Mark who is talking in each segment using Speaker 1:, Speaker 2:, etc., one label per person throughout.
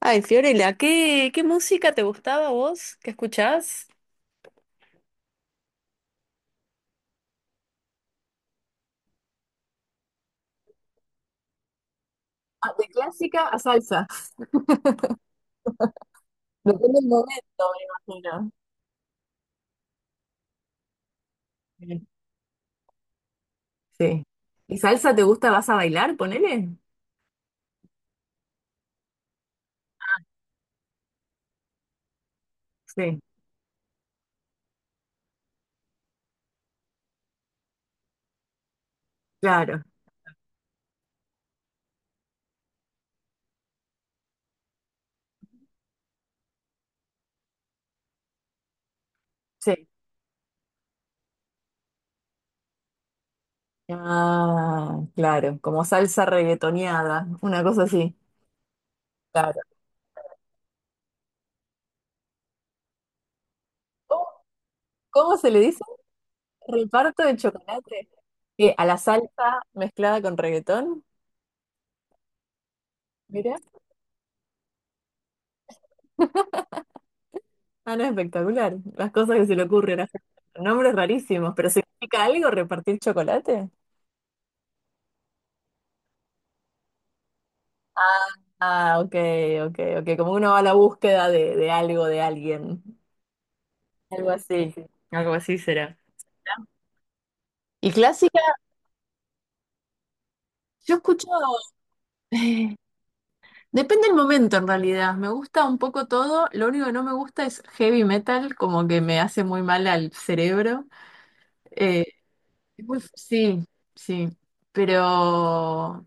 Speaker 1: Ay, Fiorella, ¿qué música te gustaba a vos? ¿Qué escuchás? Ah, de clásica a salsa. Depende del momento, me imagino. Mm. Sí. ¿Y salsa te gusta? ¿Vas a bailar? Ponele. Sí, claro. Sí. Ah, claro. Como salsa reggaetoneada, una cosa así. Claro. ¿Cómo, cómo se le dice? Reparto de chocolate. ¿Qué? ¿A la salsa mezclada con reggaetón? Ah, no, espectacular. Las cosas que se le ocurren a la gente. Nombres rarísimos, pero ¿significa algo repartir chocolate? Ah, ah, ok, ok, ok. Como uno va a la búsqueda de algo, de alguien. Algo así. Algo así será. Y clásica, yo escucho. eh, Depende del momento en realidad. Me gusta un poco todo. Lo único que no me gusta es heavy metal, como que me hace muy mal al cerebro. Eh, sí, sí. Pero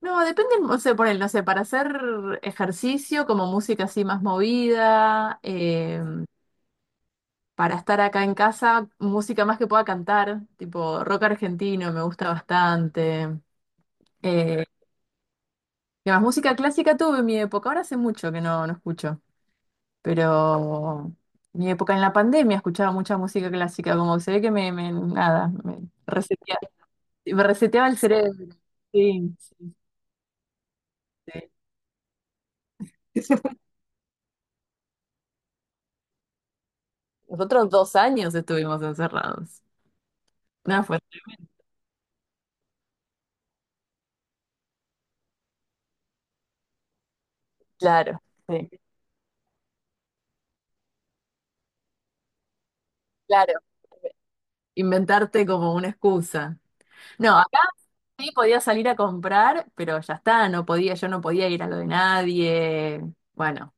Speaker 1: no, depende, o sea, por él, no sé, para hacer ejercicio, como música así más movida. Para estar acá en casa, música más que pueda cantar, tipo rock argentino, me gusta bastante. Eh, ¿Qué más? Música clásica tuve en mi época, ahora hace mucho que no escucho, pero mi época en la pandemia escuchaba mucha música clásica, como que se ve que nada, me reseteaba el cerebro. Sí, sí, sí. Nosotros 2 años estuvimos encerrados. No, fue claro, sí, claro. Inventarte como una excusa. No, acá sí podía salir a comprar, pero ya está, no podía, yo no podía ir a lo de nadie. Bueno,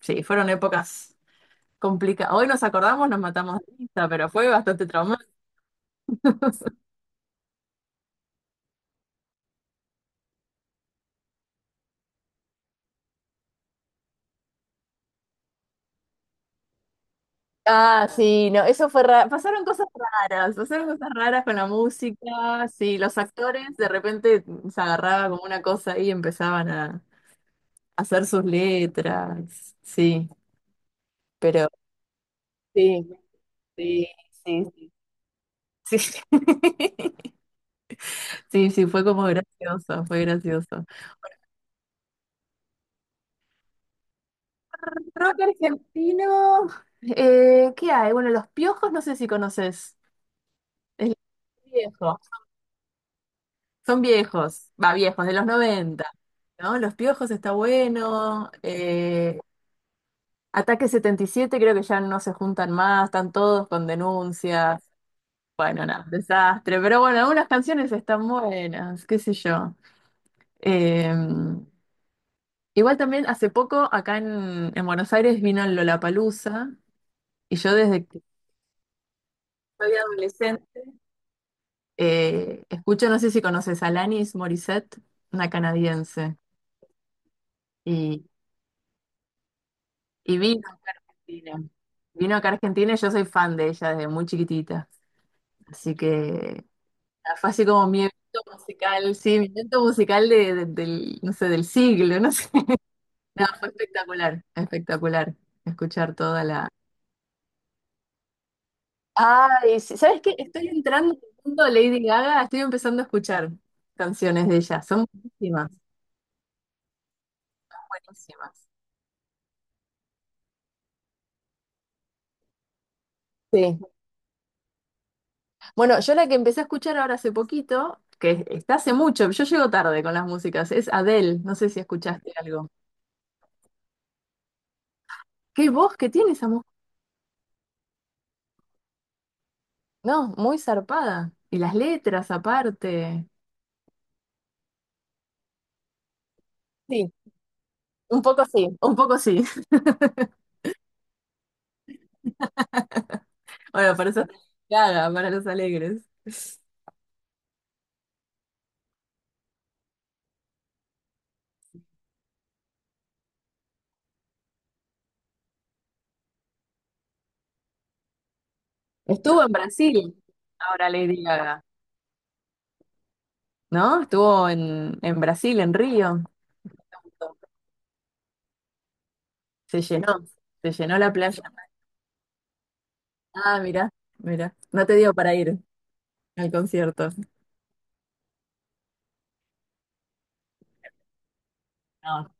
Speaker 1: sí, fueron épocas complicadas. Hoy nos acordamos, nos matamos de risa, pero fue bastante traumático. Ah, sí, no, eso fue raro. Pasaron cosas raras con la música, sí, los actores de repente se agarraba como una cosa y empezaban a hacer sus letras, sí, pero sí, sí, sí. Sí, sí, sí, fue como gracioso, fue gracioso. Rock argentino, ¿qué hay? Bueno, Los Piojos no sé si conoces. Es viejo. Son viejos, va, viejos, de los 90, ¿no? Los Piojos está bueno. Ataque 77, creo que ya no se juntan más, están todos con denuncias. Bueno, nada, desastre. Pero bueno, algunas canciones están buenas, qué sé yo. Eh, Igual también hace poco acá en Buenos Aires vino el Lollapalooza, y yo desde que soy adolescente, escucho, no sé si conoces a Alanis Morissette, una canadiense, y, y vino acá a Argentina. Vino acá a Argentina y yo soy fan de ella desde muy chiquitita. Así que nada, fue así como mi evento musical, sí, mi evento musical del, no sé, del siglo, no sé. Nada, fue espectacular, espectacular escuchar toda la... Ay, sí, ¿sabes qué? Estoy entrando en el mundo de Lady Gaga, estoy empezando a escuchar canciones de ella, son buenísimas, buenísimas. Sí. Bueno, yo la que empecé a escuchar ahora hace poquito, que está hace mucho, yo llego tarde con las músicas, es Adele, no sé si escuchaste algo. ¿Qué voz que tiene esa mujer? No, muy zarpada. Y las letras aparte. Sí, un poco sí, un poco sí. Bueno, para eso Lady Gaga, para los alegres. Estuvo en Brasil ahora Lady Gaga, ¿no? Estuvo en Brasil, en Río. Se llenó, se llenó la playa. Ah, mira, mira. No te dio para ir al concierto. No.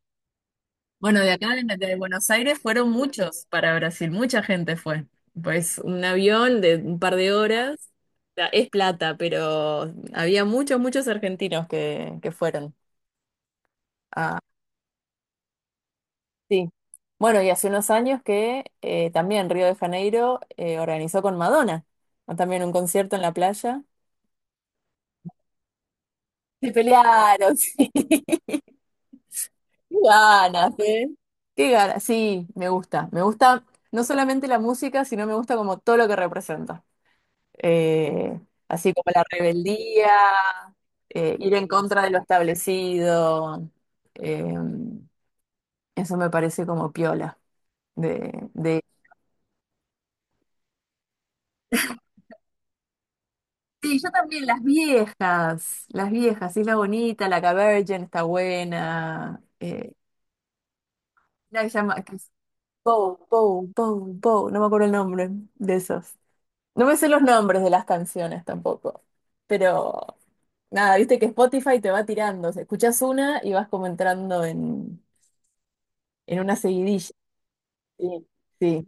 Speaker 1: Bueno, de acá, de Buenos Aires, fueron muchos para Brasil, mucha gente fue. Pues un avión de un par de horas, o sea, es plata, pero había muchos, muchos argentinos que fueron. Ah, sí. Bueno, y hace unos años que también Río de Janeiro organizó con Madonna, ¿no?, también un concierto en la playa. Se pelearon, sí. Qué ganas, ¿eh? Qué ganas. Sí, me gusta. Me gusta no solamente la música, sino me gusta como todo lo que representa. Eh, Así como la rebeldía, ir en contra de lo establecido. eh, Eso me parece como piola. De, de... Sí, yo también, las viejas. Las viejas, Isla Bonita, La Cavergen está buena. Una que se llama, Bow, Bow, Bow, Bow, no me acuerdo el nombre de esos. No me sé los nombres de las canciones tampoco. Pero nada, viste que Spotify te va tirando, o sea, escuchás una y vas como entrando en una seguidilla. Sí, sí,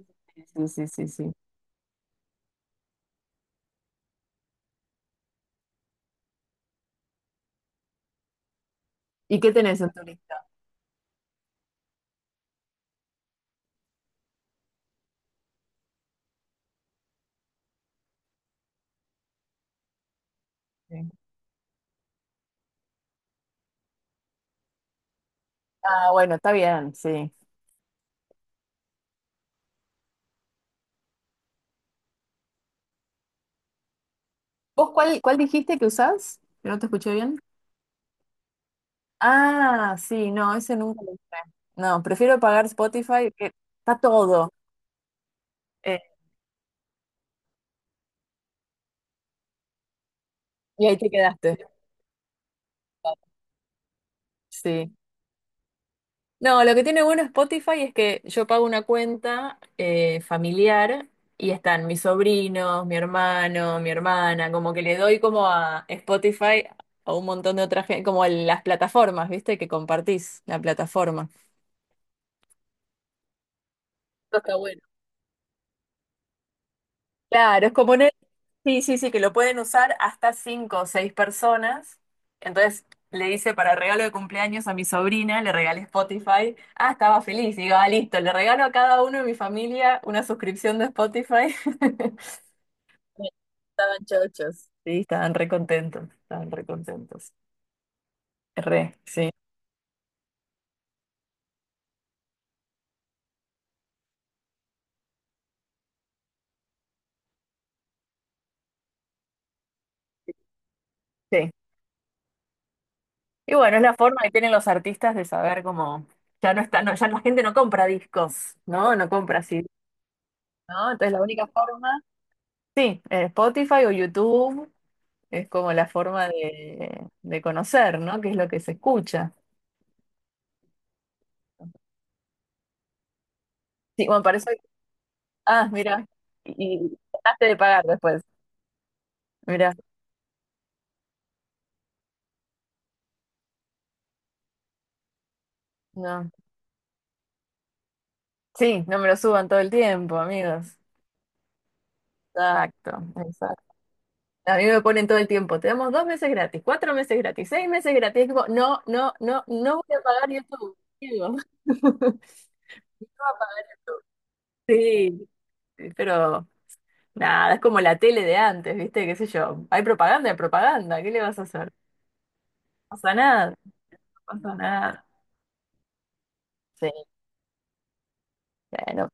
Speaker 1: sí, sí, sí, sí. ¿Y qué tenés en tu lista? Sí. Ah, bueno, está bien, sí. ¿Vos cuál dijiste que usás? Que no te escuché bien. Ah, sí, no, ese nunca lo usé. No, prefiero pagar Spotify, que está todo. Eh, y ahí te quedaste. Sí. No, lo que tiene bueno Spotify es que yo pago una cuenta familiar, y están mis sobrinos, mi hermano, mi hermana, como que le doy como a Spotify a un montón de otras, las plataformas, ¿viste? Que compartís la plataforma. Eso está bueno. Claro, es como un... Sí, sí, sí, que lo pueden usar hasta cinco o seis personas. Entonces le hice para regalo de cumpleaños a mi sobrina, le regalé Spotify. Ah, estaba feliz. Digo, ah, listo, le regalo a cada uno de mi familia una suscripción de Spotify. Estaban chochos. Sí, estaban re contentos, estaban re contentos. Re, sí. Sí. Y bueno, es la forma que tienen los artistas de saber cómo... ya no está, no, ya la gente no compra discos, ¿no? No compra así, ¿no? Entonces la única forma... Sí, Spotify o YouTube es como la forma de conocer, ¿no? ¿Qué es lo que se escucha? Sí, bueno, para eso... Ah, mira, y dejaste de pagar después. Mira, no. Sí, no me lo suban todo el tiempo, amigos. Exacto, exacto. A mí me ponen todo el tiempo. Te damos 2 meses gratis, 4 meses gratis, 6 meses gratis. Es como, no, no, no, no voy a pagar YouTube. Digo. Sí, sí, pero nada, es como la tele de antes, ¿viste? ¿Qué sé yo? Hay propaganda, ¿qué le vas a hacer? No pasa nada, no pasa nada. Sí, bueno.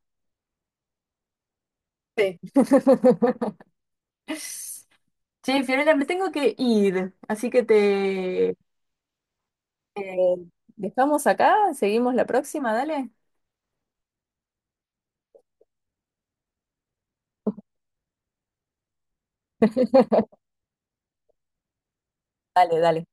Speaker 1: Sí. Che, Fiorella, me tengo que ir, así que te dejamos acá, seguimos la próxima, dale. Dale, dale.